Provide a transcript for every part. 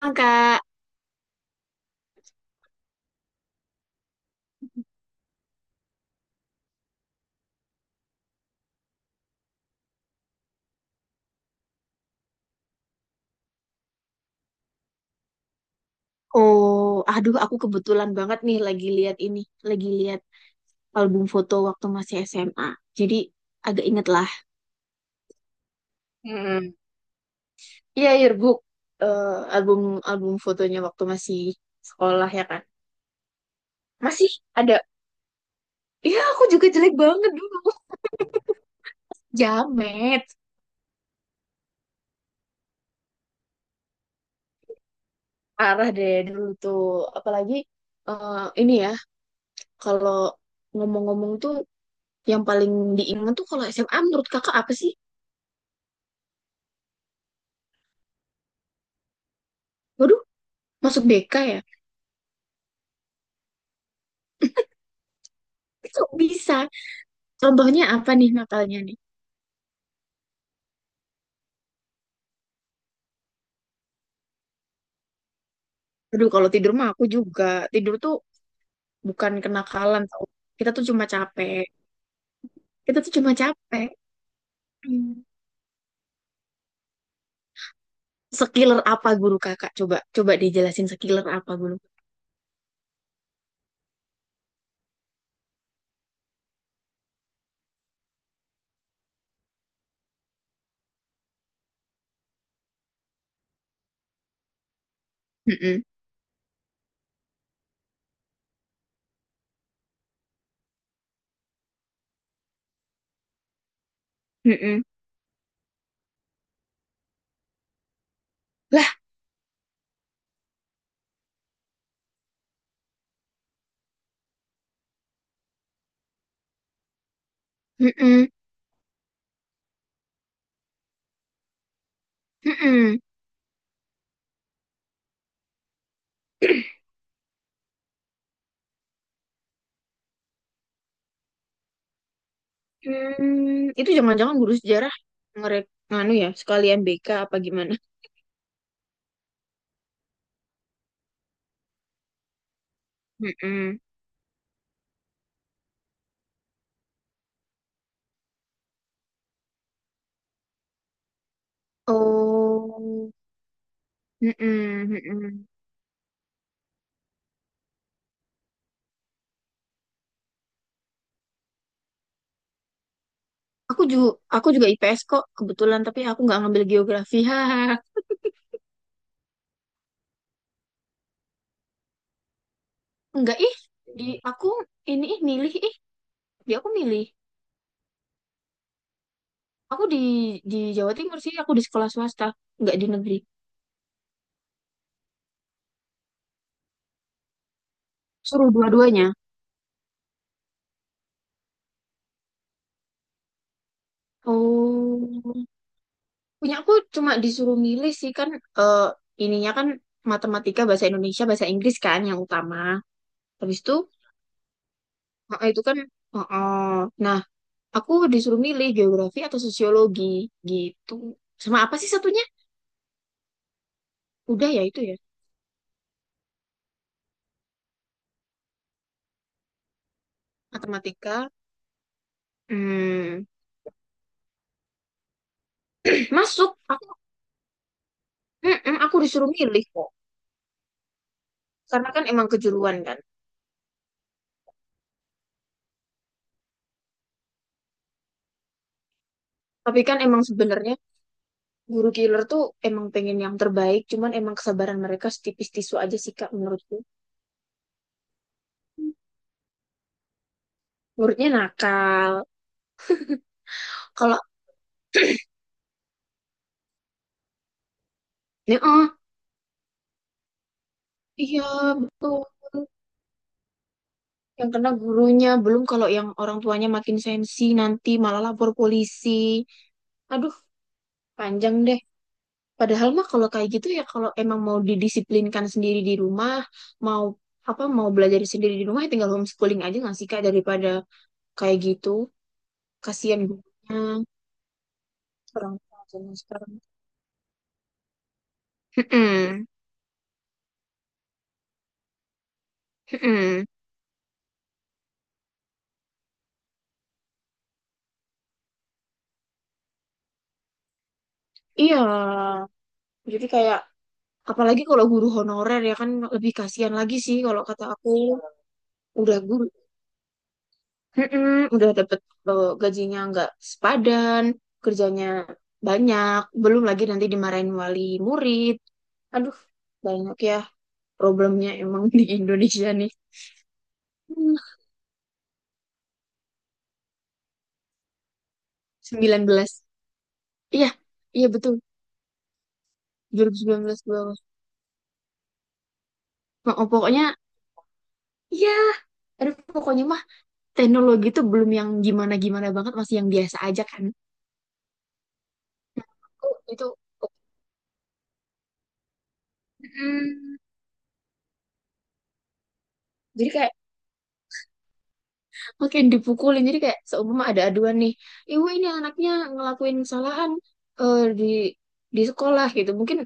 Ah, Kak, oh, aduh, aku kebetulan banget nih lagi lihat lagi lihat album foto waktu masih SMA. Jadi agak inget lah. Hmm. Iya, yearbook, eh, album album fotonya waktu masih sekolah ya kan. Masih ada. Iya, aku juga jelek banget dulu. Jamet, parah deh dulu tuh. Apalagi eh, ini ya, kalau ngomong-ngomong tuh yang paling diingat tuh kalau SMA menurut kakak apa sih? Waduh, masuk BK ya? Kok bisa? Contohnya apa nih nakalnya nih? Aduh, kalau tidur mah aku juga. Tidur tuh bukan kenakalan tau. Kita tuh cuma capek. Kita tuh cuma capek. Hmm. Sekiller apa guru kakak? Coba coba dijelasin sekiller apa guru. Mm-mm. Mm-mm. Lah, mm-mm. Mm-mm. Hmm, itu jangan-jangan guru sejarah ngerek nganu ya, sekalian BK apa gimana? Mm-mm. Oh, mm-mm, mm-mm. Aku juga aku juga IPS kok kebetulan, tapi aku nggak ngambil geografi. Hahaha. Enggak ih, di aku ini ih milih ih, di aku milih. Aku di Jawa Timur sih, aku di sekolah swasta, enggak di negeri. Suruh dua-duanya. Oh, punya aku cuma disuruh milih sih kan eh, ininya kan matematika, bahasa Indonesia, bahasa Inggris kan yang utama. Habis itu itu kan eh, eh. Nah, aku disuruh milih geografi atau sosiologi gitu. Sama apa sih satunya? Udah ya itu ya. Matematika. Hmm. Masuk. Aku aku disuruh milih kok. Karena kan emang kejuruan kan. Tapi kan emang sebenarnya guru killer tuh emang pengen yang terbaik, cuman emang kesabaran mereka setipis tisu aja sih Kak menurutku. Muridnya nakal. Kalau ini ah, iya betul. Yang kena gurunya, belum kalau yang orang tuanya makin sensi nanti malah lapor polisi. Aduh, panjang deh. Padahal mah kalau kayak gitu ya kalau emang mau didisiplinkan sendiri di rumah, mau apa mau belajar sendiri di rumah ya tinggal homeschooling aja nggak sih Kak daripada kayak gitu. Kasihan gurunya. Orang tua zaman sekarang. Mm-mm. Mm-mm. Iya, jadi kayak, apalagi kalau guru honorer ya kan, lebih kasihan lagi sih kalau kata aku. Udah guru. Mm-mm. Udah dapet, gajinya nggak sepadan, kerjanya banyak, belum lagi nanti dimarahin wali murid. Aduh, banyak ya problemnya emang di Indonesia nih. Hmm, sembilan belas. Iya, iya, betul, 2019 ke bawah. Oh, pokoknya, iya, aduh, pokoknya mah teknologi itu belum yang gimana-gimana banget, masih yang biasa aja kan. Oh, itu. Mm. Jadi kayak makin dipukulin, jadi kayak seumpama ada aduan nih, ibu ini anaknya ngelakuin kesalahan di sekolah gitu. Mungkin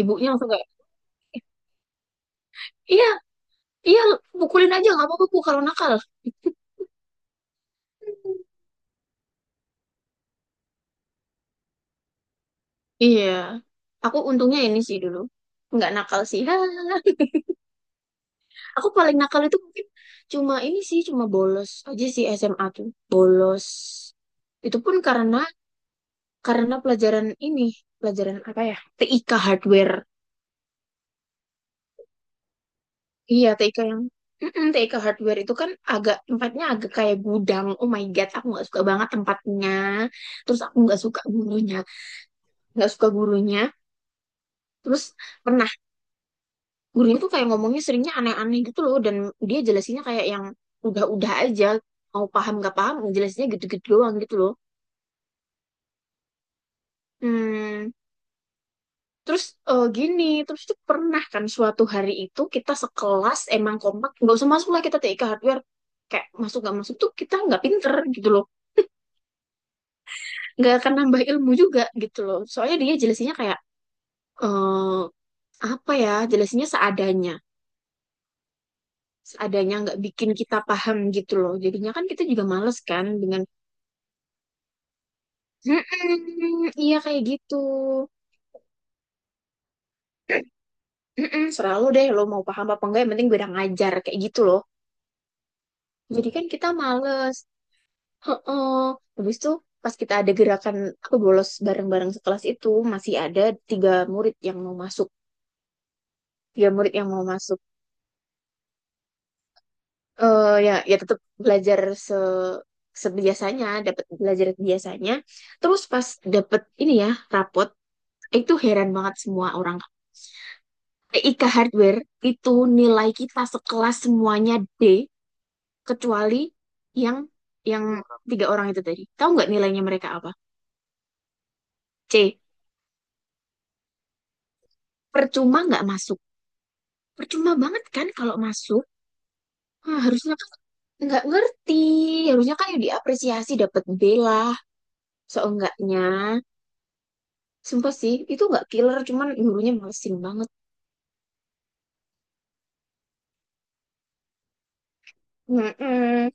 ibunya langsung kayak, iya, iya, pukulin aja nggak apa-apa Bu, kalau nakal. Iya, aku untungnya ini sih dulu, nggak nakal sih. Aku paling nakal itu mungkin cuma ini sih, cuma bolos aja sih SMA tuh. Bolos. Itu pun karena pelajaran ini, pelajaran apa ya? TIK hardware. Iya, TIK yang, mm-mm, TIK hardware itu kan agak tempatnya agak kayak gudang. Oh my God, aku nggak suka banget tempatnya. Terus aku nggak suka gurunya, nggak suka gurunya. Terus pernah gurunya tuh kayak ngomongnya seringnya aneh-aneh gitu loh, dan dia jelasinnya kayak yang udah-udah aja. Mau paham nggak paham, jelasinnya gitu-gitu doang gitu loh. Hmm, terus, gini, terus itu pernah kan suatu hari itu kita sekelas emang kompak, nggak usah masuk lah kita TIK hardware, kayak masuk nggak masuk tuh kita nggak pinter gitu loh, nggak akan nambah ilmu juga gitu loh. Soalnya dia jelasinnya kayak eh apa ya, jelasinnya seadanya, seadanya nggak bikin kita paham gitu loh. Jadinya kan kita juga males kan dengan, mm-mm, iya kayak gitu, mm-mm, serah deh lo mau paham apa enggak, yang penting gue udah ngajar kayak gitu loh. Jadi kan kita males. Heeh. Habis itu pas kita ada gerakan aku bolos bareng-bareng sekelas itu masih ada tiga murid yang mau masuk, tiga murid yang mau masuk. Eh, ya ya tetap belajar se sebiasanya, dapat belajar biasanya. Terus pas dapet ini ya rapot, itu heran banget semua orang. TIK Hardware itu nilai kita sekelas semuanya D, kecuali yang yang tiga orang itu tadi. Tahu nggak nilainya mereka apa? C. Percuma nggak masuk. Percuma banget kan kalau masuk. Hah, harusnya kan, nggak ngerti, harusnya kan yang diapresiasi dapat B lah seenggaknya. Sumpah sih itu nggak killer, cuman gurunya mesin banget. Mm-mm,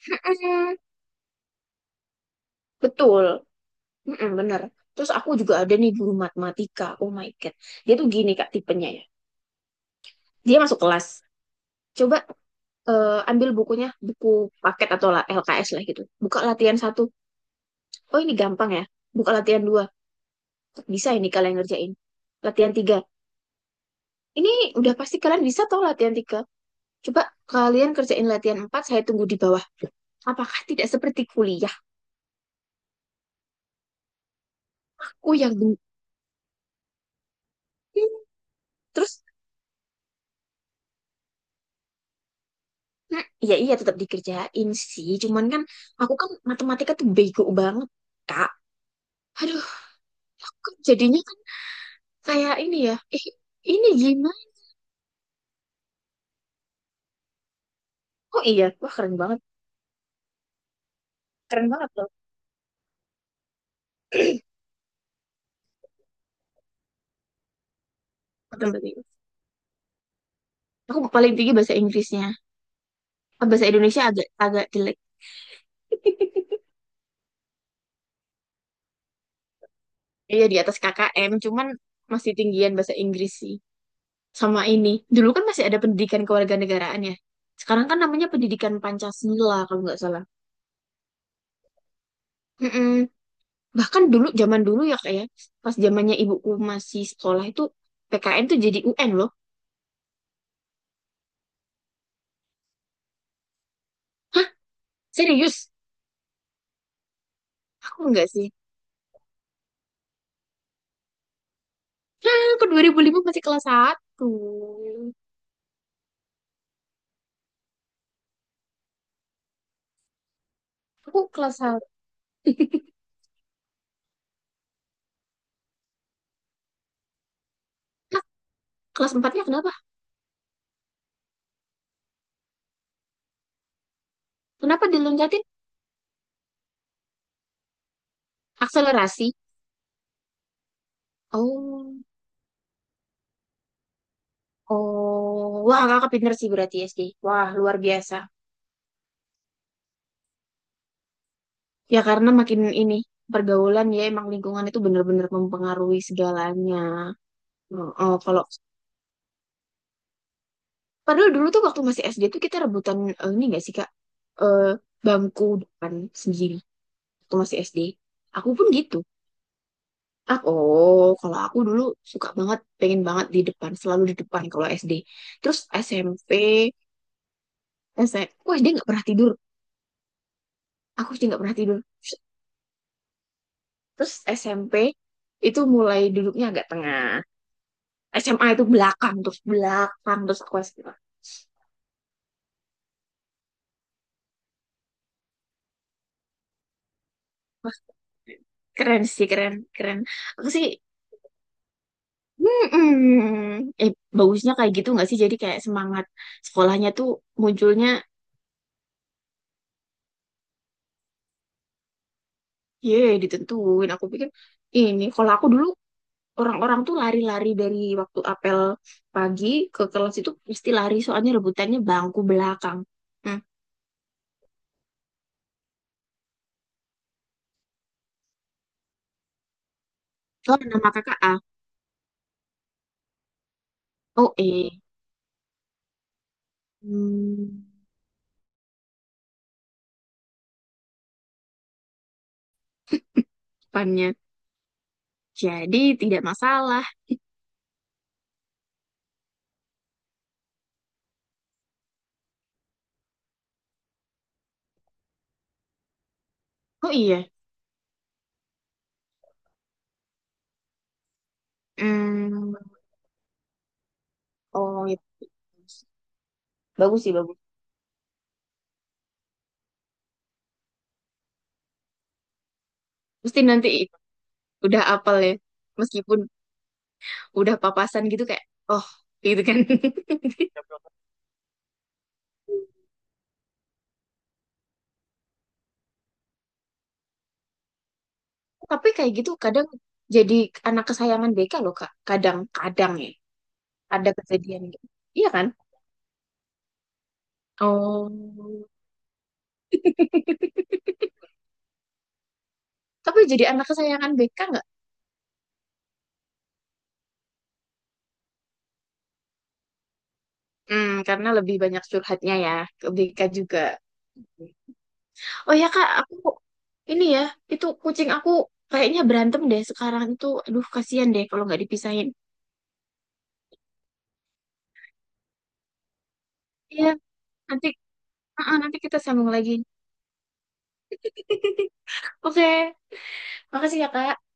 mm-mm. Betul. Mm-mm, bener. Terus aku juga ada nih guru matematika, oh my god. Dia tuh gini Kak tipenya ya, dia masuk kelas, coba ambil bukunya, buku paket atau lah LKS lah gitu, buka latihan satu, oh ini gampang ya, buka latihan dua, bisa ini kalian ngerjain latihan tiga. Ini udah pasti kalian bisa toh latihan tiga. Coba kalian kerjain latihan empat, saya tunggu di bawah. Apakah tidak seperti kuliah? Aku yang bingung. Terus, hmm, ya iya tetap dikerjain sih. Cuman kan, aku kan matematika tuh bego banget, Kak. Aduh, kok jadinya kan kayak ini ya. Eh, ini gimana? Oh iya, wah keren banget. Keren banget loh matematika. Aku paling tinggi bahasa Inggrisnya. Ah, Bahasa Indonesia agak agak jelek. Iya di atas KKM, cuman masih tinggian bahasa Inggris sih. Sama ini. Dulu kan masih ada pendidikan kewarganegaraan ya. Sekarang kan namanya pendidikan Pancasila kalau nggak salah. Mm-mm. Bahkan dulu zaman dulu ya kayak pas zamannya ibuku masih sekolah itu PKN tuh jadi UN loh. Hah, serius? Aku enggak sih. Hah, aku 2005 masih kelas satu. Aku kelas satu. Hah, kelas empatnya kenapa? Kenapa diloncatin? Akselerasi. Oh. Oh, wah kakak pinter sih berarti SD. Wah, luar biasa. Ya karena makin ini pergaulan ya emang lingkungan itu bener-bener mempengaruhi segalanya. Oh, kalau padahal dulu tuh waktu masih SD tuh kita rebutan, ini gak sih Kak? Eh, bangku depan sendiri waktu masih SD. Aku pun gitu. Ah, oh, kalau aku dulu suka banget, pengen banget di depan, selalu di depan kalau SD. Terus SMP, SMP, aku SD nggak pernah tidur. Aku SD nggak pernah tidur. Terus SMP itu mulai duduknya agak tengah. SMA itu belakang terus aku SD. Wah, keren sih, keren, keren. Aku sih mm-mm. eh bagusnya kayak gitu nggak sih, jadi kayak semangat sekolahnya tuh munculnya. Ye, ditentuin aku pikir. Ini kalau aku dulu orang-orang tuh lari-lari dari waktu apel pagi ke kelas itu pasti lari, soalnya rebutannya bangku belakang. Hmm. Oh, nama kakak A. Oh, eh, hmm, depannya jadi tidak masalah. Oh iya, hmm. Oh gitu. Bagus sih, bagus. Mesti nanti udah apal ya. Meskipun udah papasan gitu kayak, oh gitu kan. Tapi kayak gitu kadang jadi anak kesayangan BK loh, Kak. Kadang-kadang ya. Ada kejadian gitu. Iya kan? Oh. Tapi jadi anak kesayangan BK nggak? Hmm, karena lebih banyak curhatnya ya ke BK juga. Oh ya Kak, aku ini ya, itu kucing aku kayaknya berantem deh sekarang itu. Aduh, kasihan deh kalau nggak dipisahin. Iya, nanti, nanti kita sambung lagi. Oke, makasih ya, Kak.